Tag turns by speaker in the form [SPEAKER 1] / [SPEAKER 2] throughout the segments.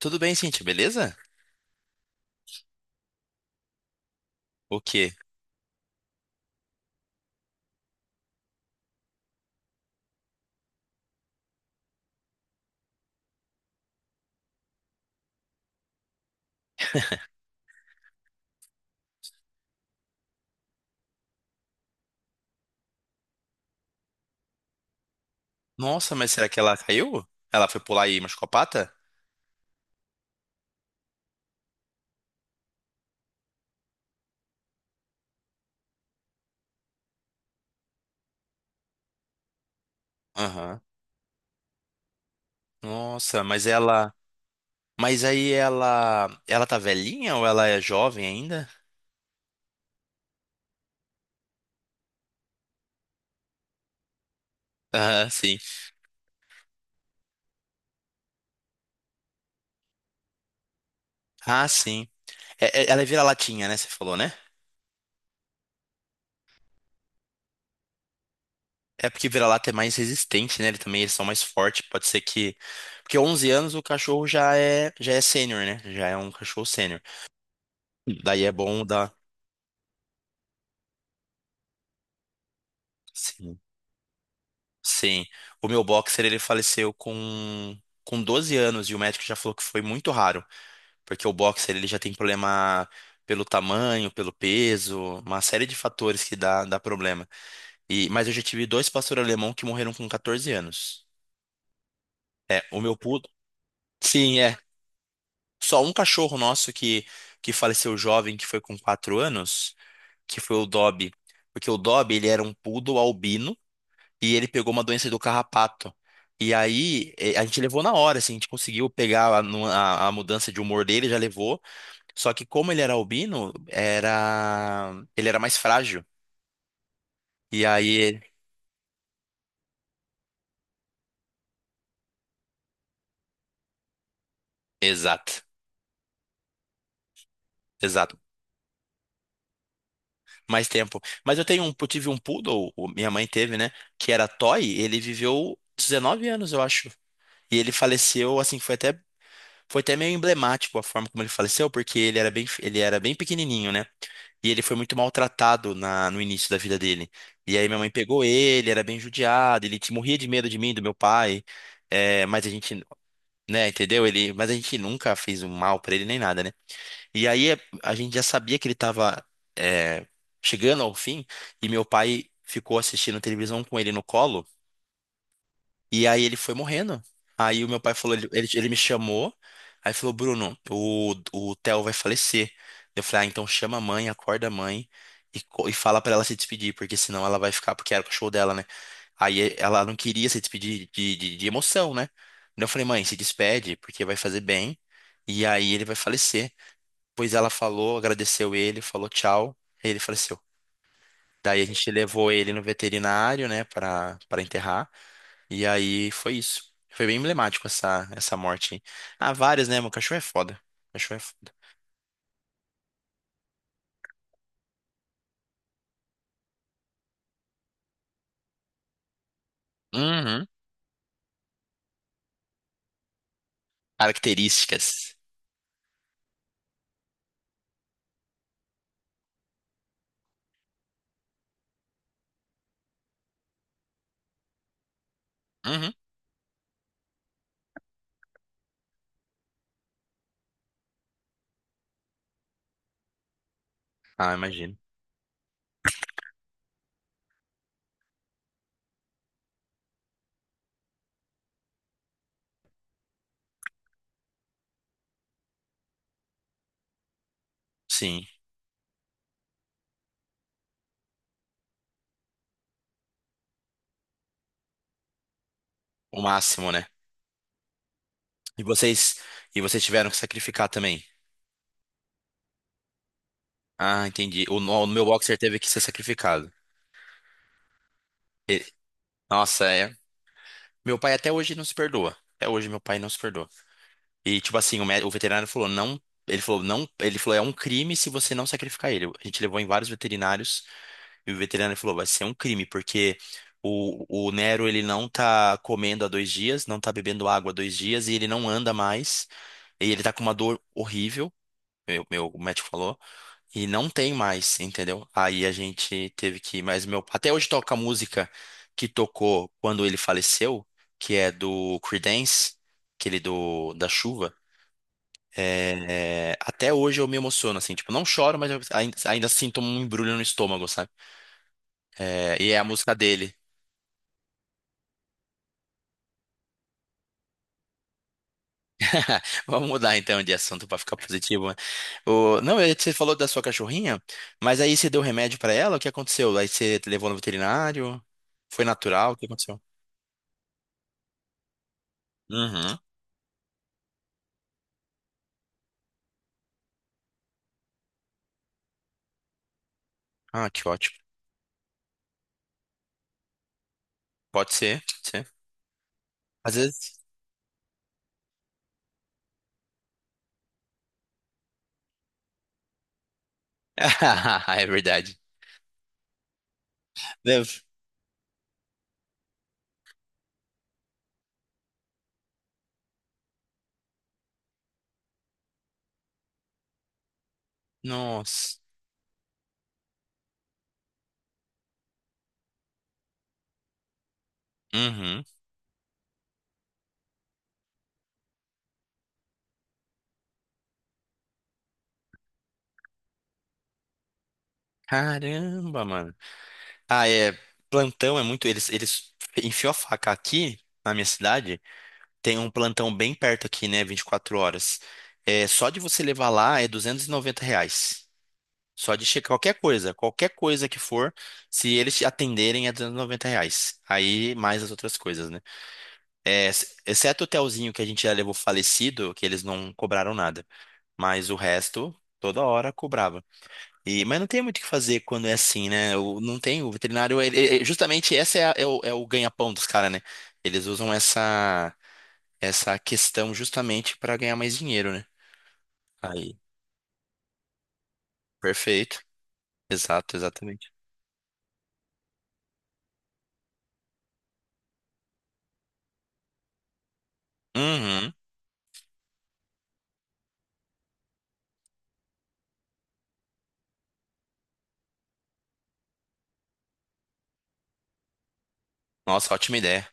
[SPEAKER 1] Tudo bem, Cintia, beleza? O quê? Nossa, mas será que ela caiu? Ela foi pular e machucou a pata? Aham. Nossa, mas ela. Mas aí ela. Ela tá velhinha ou ela é jovem ainda? Aham, sim. Ah, sim. Ela é vira-latinha, né? Você falou, né? É porque vira-lata é mais resistente, né? Ele também eles são mais fortes. Pode ser que. Porque 11 anos o cachorro já é sênior, né? Já é um cachorro sênior. Daí é bom dar. Sim, o meu boxer ele faleceu com 12 anos e o médico já falou que foi muito raro, porque o boxer ele já tem problema pelo tamanho, pelo peso, uma série de fatores que dá problema. E mas eu já tive dois pastor alemão que morreram com 14 anos. É, o meu poodle. Sim, é. Só um cachorro nosso que faleceu jovem, que foi com 4 anos, que foi o Dobby, porque o Dobby ele era um poodle albino e ele pegou uma doença do carrapato. E aí, a gente levou na hora, assim, a gente conseguiu pegar a mudança de humor dele, já levou. Só que como ele era albino, era ele era mais frágil. E aí, exato, exato. Mais tempo. Mas eu tive um poodle, minha mãe teve, né? Que era toy, ele viveu 19 anos, eu acho. E ele faleceu, assim, Foi até meio emblemático a forma como ele faleceu, porque ele era bem pequenininho, né? E ele foi muito maltratado no início da vida dele. E aí minha mãe pegou ele, era bem judiado, morria de medo de mim, do meu pai. É, mas a gente, né, entendeu? Mas a gente nunca fez um mal pra ele nem nada, né? E aí a gente já sabia que ele tava, é, chegando ao fim, e meu pai ficou assistindo televisão com ele no colo. E aí ele foi morrendo. Aí o meu pai falou, ele me chamou, aí falou, Bruno, o Theo vai falecer. Eu falei, ah, então chama a mãe, acorda a mãe e fala pra ela se despedir, porque senão ela vai ficar, porque era o cachorro dela, né? Aí ela não queria se despedir de emoção, né? Então eu falei, mãe, se despede, porque vai fazer bem, e aí ele vai falecer. Pois ela falou, agradeceu ele, falou tchau, e ele faleceu. Daí a gente levou ele no veterinário, né, para enterrar. E aí foi isso. Foi bem emblemático essa morte aí. Ah, várias, né? Meu cachorro é foda. Cachorro é foda. Uhum. Características. Uhum. Ah, imagino. Sim. O máximo, né? E vocês, e vocês tiveram que sacrificar também. Ah, entendi. O, no- o meu boxer teve que ser sacrificado. E- Nossa, é. Meu pai até hoje não se perdoa. Até hoje meu pai não se perdoa. E tipo assim, o veterinário falou, não. Ele falou, não. Ele falou, é um crime se você não sacrificar ele. A gente levou em vários veterinários. E o veterinário falou, vai ser um crime, porque o Nero, ele não tá comendo há 2 dias, não tá bebendo água há 2 dias, e ele não anda mais, e ele tá com uma dor horrível, meu médico falou, e não tem mais, entendeu? Aí a gente teve que, mas meu, até hoje toca a música que tocou quando ele faleceu, que é do Creedence, aquele do, da chuva, é, até hoje eu me emociono, assim, tipo, não choro, mas eu ainda sinto um embrulho no estômago, sabe? É, e é a música dele. Vamos mudar então de assunto para ficar positivo, né? Não, é que você falou da sua cachorrinha, mas aí você deu remédio para ela? O que aconteceu? Aí você levou no veterinário? Foi natural? O que aconteceu? Uhum. Ah, que ótimo. Pode ser, pode ser. Às vezes. É verdade. Deve- Nossa. Uhum. Caramba, mano. Ah, é. Plantão é muito. Eles enfiou a faca aqui na minha cidade. Tem um plantão bem perto aqui, né? 24 horas. É, só de você levar lá é R$ 290. Só de checar qualquer coisa que for, se eles te atenderem é R$ 290. Aí mais as outras coisas, né? É, exceto o hotelzinho que a gente já levou falecido, que eles não cobraram nada. Mas o resto, toda hora cobrava. Mas não tem muito o que fazer quando é assim, né? O, não tem, O veterinário, justamente é o ganha-pão dos caras, né? Eles usam essa questão justamente para ganhar mais dinheiro, né? Aí, perfeito. Exato, exatamente. Uhum. Nossa, ótima ideia.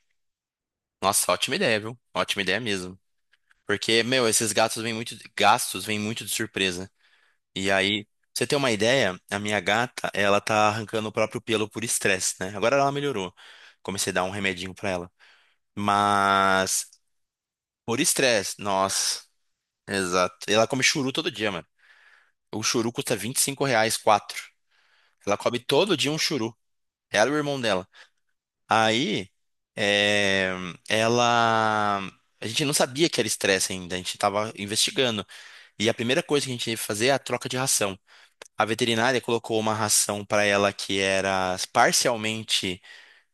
[SPEAKER 1] Nossa, ótima ideia, viu? Ótima ideia mesmo. Porque, meu, esses gatos vêm muito, gastos vêm muito de surpresa. E aí, pra você ter uma ideia, a minha gata, ela tá arrancando o próprio pelo por estresse, né? Agora ela melhorou. Comecei a dar um remedinho pra ela. Mas, por estresse, nossa. Exato. Ela come churu todo dia, mano. O churu custa R$ 25, quatro. Ela come todo dia um churu. Ela e o irmão dela. Aí, é, ela. A gente não sabia que era estresse ainda, a gente estava investigando. E a primeira coisa que a gente teve que fazer é a troca de ração. A veterinária colocou uma ração para ela que era parcialmente.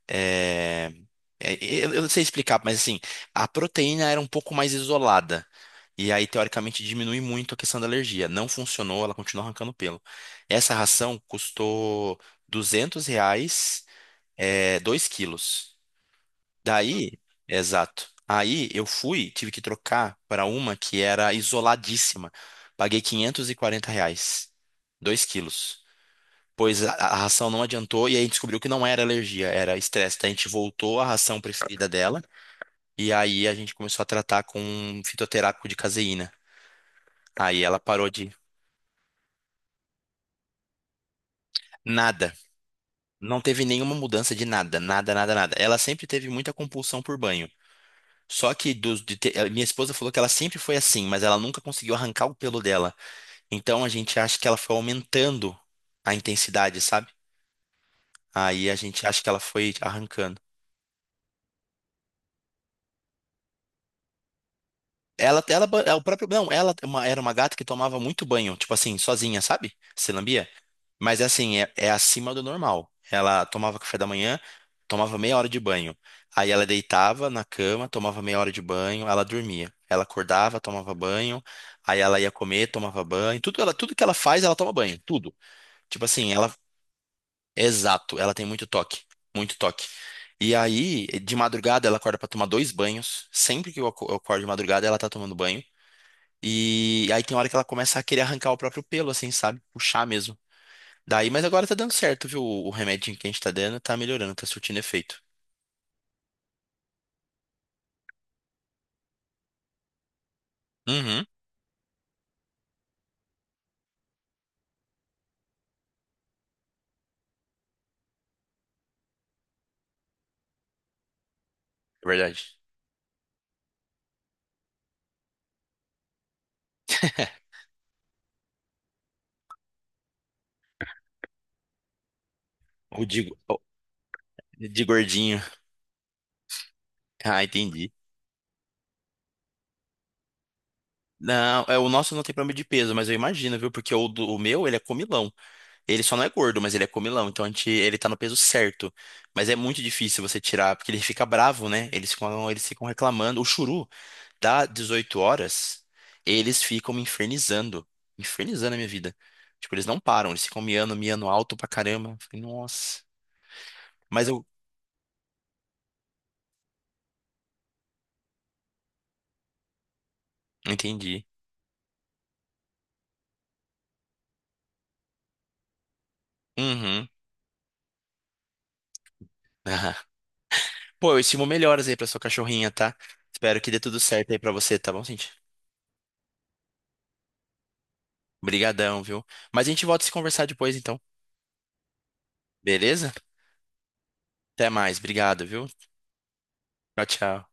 [SPEAKER 1] é, eu não sei explicar, mas assim, a proteína era um pouco mais isolada. E aí, teoricamente, diminui muito a questão da alergia. Não funcionou, ela continua arrancando pelo. Essa ração custou R$ 200, 2 quilos. Daí, exato. Aí eu fui, tive que trocar para uma que era isoladíssima. Paguei R$ 540, 2 quilos. Pois a ração não adiantou e aí a gente descobriu que não era alergia, era estresse. Daí a gente voltou à ração preferida dela e aí a gente começou a tratar com um fitoterápico de caseína. Aí ela parou de nada. Não teve nenhuma mudança de nada, nada, nada, nada. Ela sempre teve muita compulsão por banho. Só que minha esposa falou que ela sempre foi assim, mas ela nunca conseguiu arrancar o pelo dela. Então a gente acha que ela foi aumentando a intensidade, sabe? Aí a gente acha que ela foi arrancando. É o próprio, não, ela é era uma gata que tomava muito banho, tipo assim, sozinha, sabe? Se lambia. Mas é assim, é acima do normal. Ela tomava café da manhã, tomava meia hora de banho. Aí ela deitava na cama, tomava meia hora de banho, ela dormia. Ela acordava, tomava banho, aí ela ia comer, tomava banho. Tudo, ela, tudo que ela faz, ela toma banho, tudo. Tipo assim, ela, exato, ela tem muito toque, muito toque. E aí, de madrugada, ela acorda pra tomar dois banhos. Sempre que eu acordo de madrugada, ela tá tomando banho. E aí tem hora que ela começa a querer arrancar o próprio pelo, assim, sabe? Puxar mesmo. Daí, mas agora tá dando certo, viu? O remedinho que a gente tá dando tá melhorando, tá surtindo efeito. Uhum, é verdade. O de gordinho. Ah, entendi. Não, é, o nosso não tem problema de peso, mas eu imagino, viu? Porque o meu, ele é comilão. Ele só não é gordo, mas ele é comilão. Então a gente, ele tá no peso certo. Mas é muito difícil você tirar, porque ele fica bravo, né? Eles ficam reclamando. O churu, dá 18h, eles ficam me infernizando. Infernizando a minha vida. Tipo, eles não param, eles ficam miando, miando alto pra caramba. Eu falei, nossa. Mas eu entendi. Uhum. Pô, eu estimo melhoras aí pra sua cachorrinha, tá? Espero que dê tudo certo aí pra você, tá bom, gente? Obrigadão, viu? Mas a gente volta a se conversar depois, então. Beleza? Até mais, obrigado, viu? Tchau, tchau.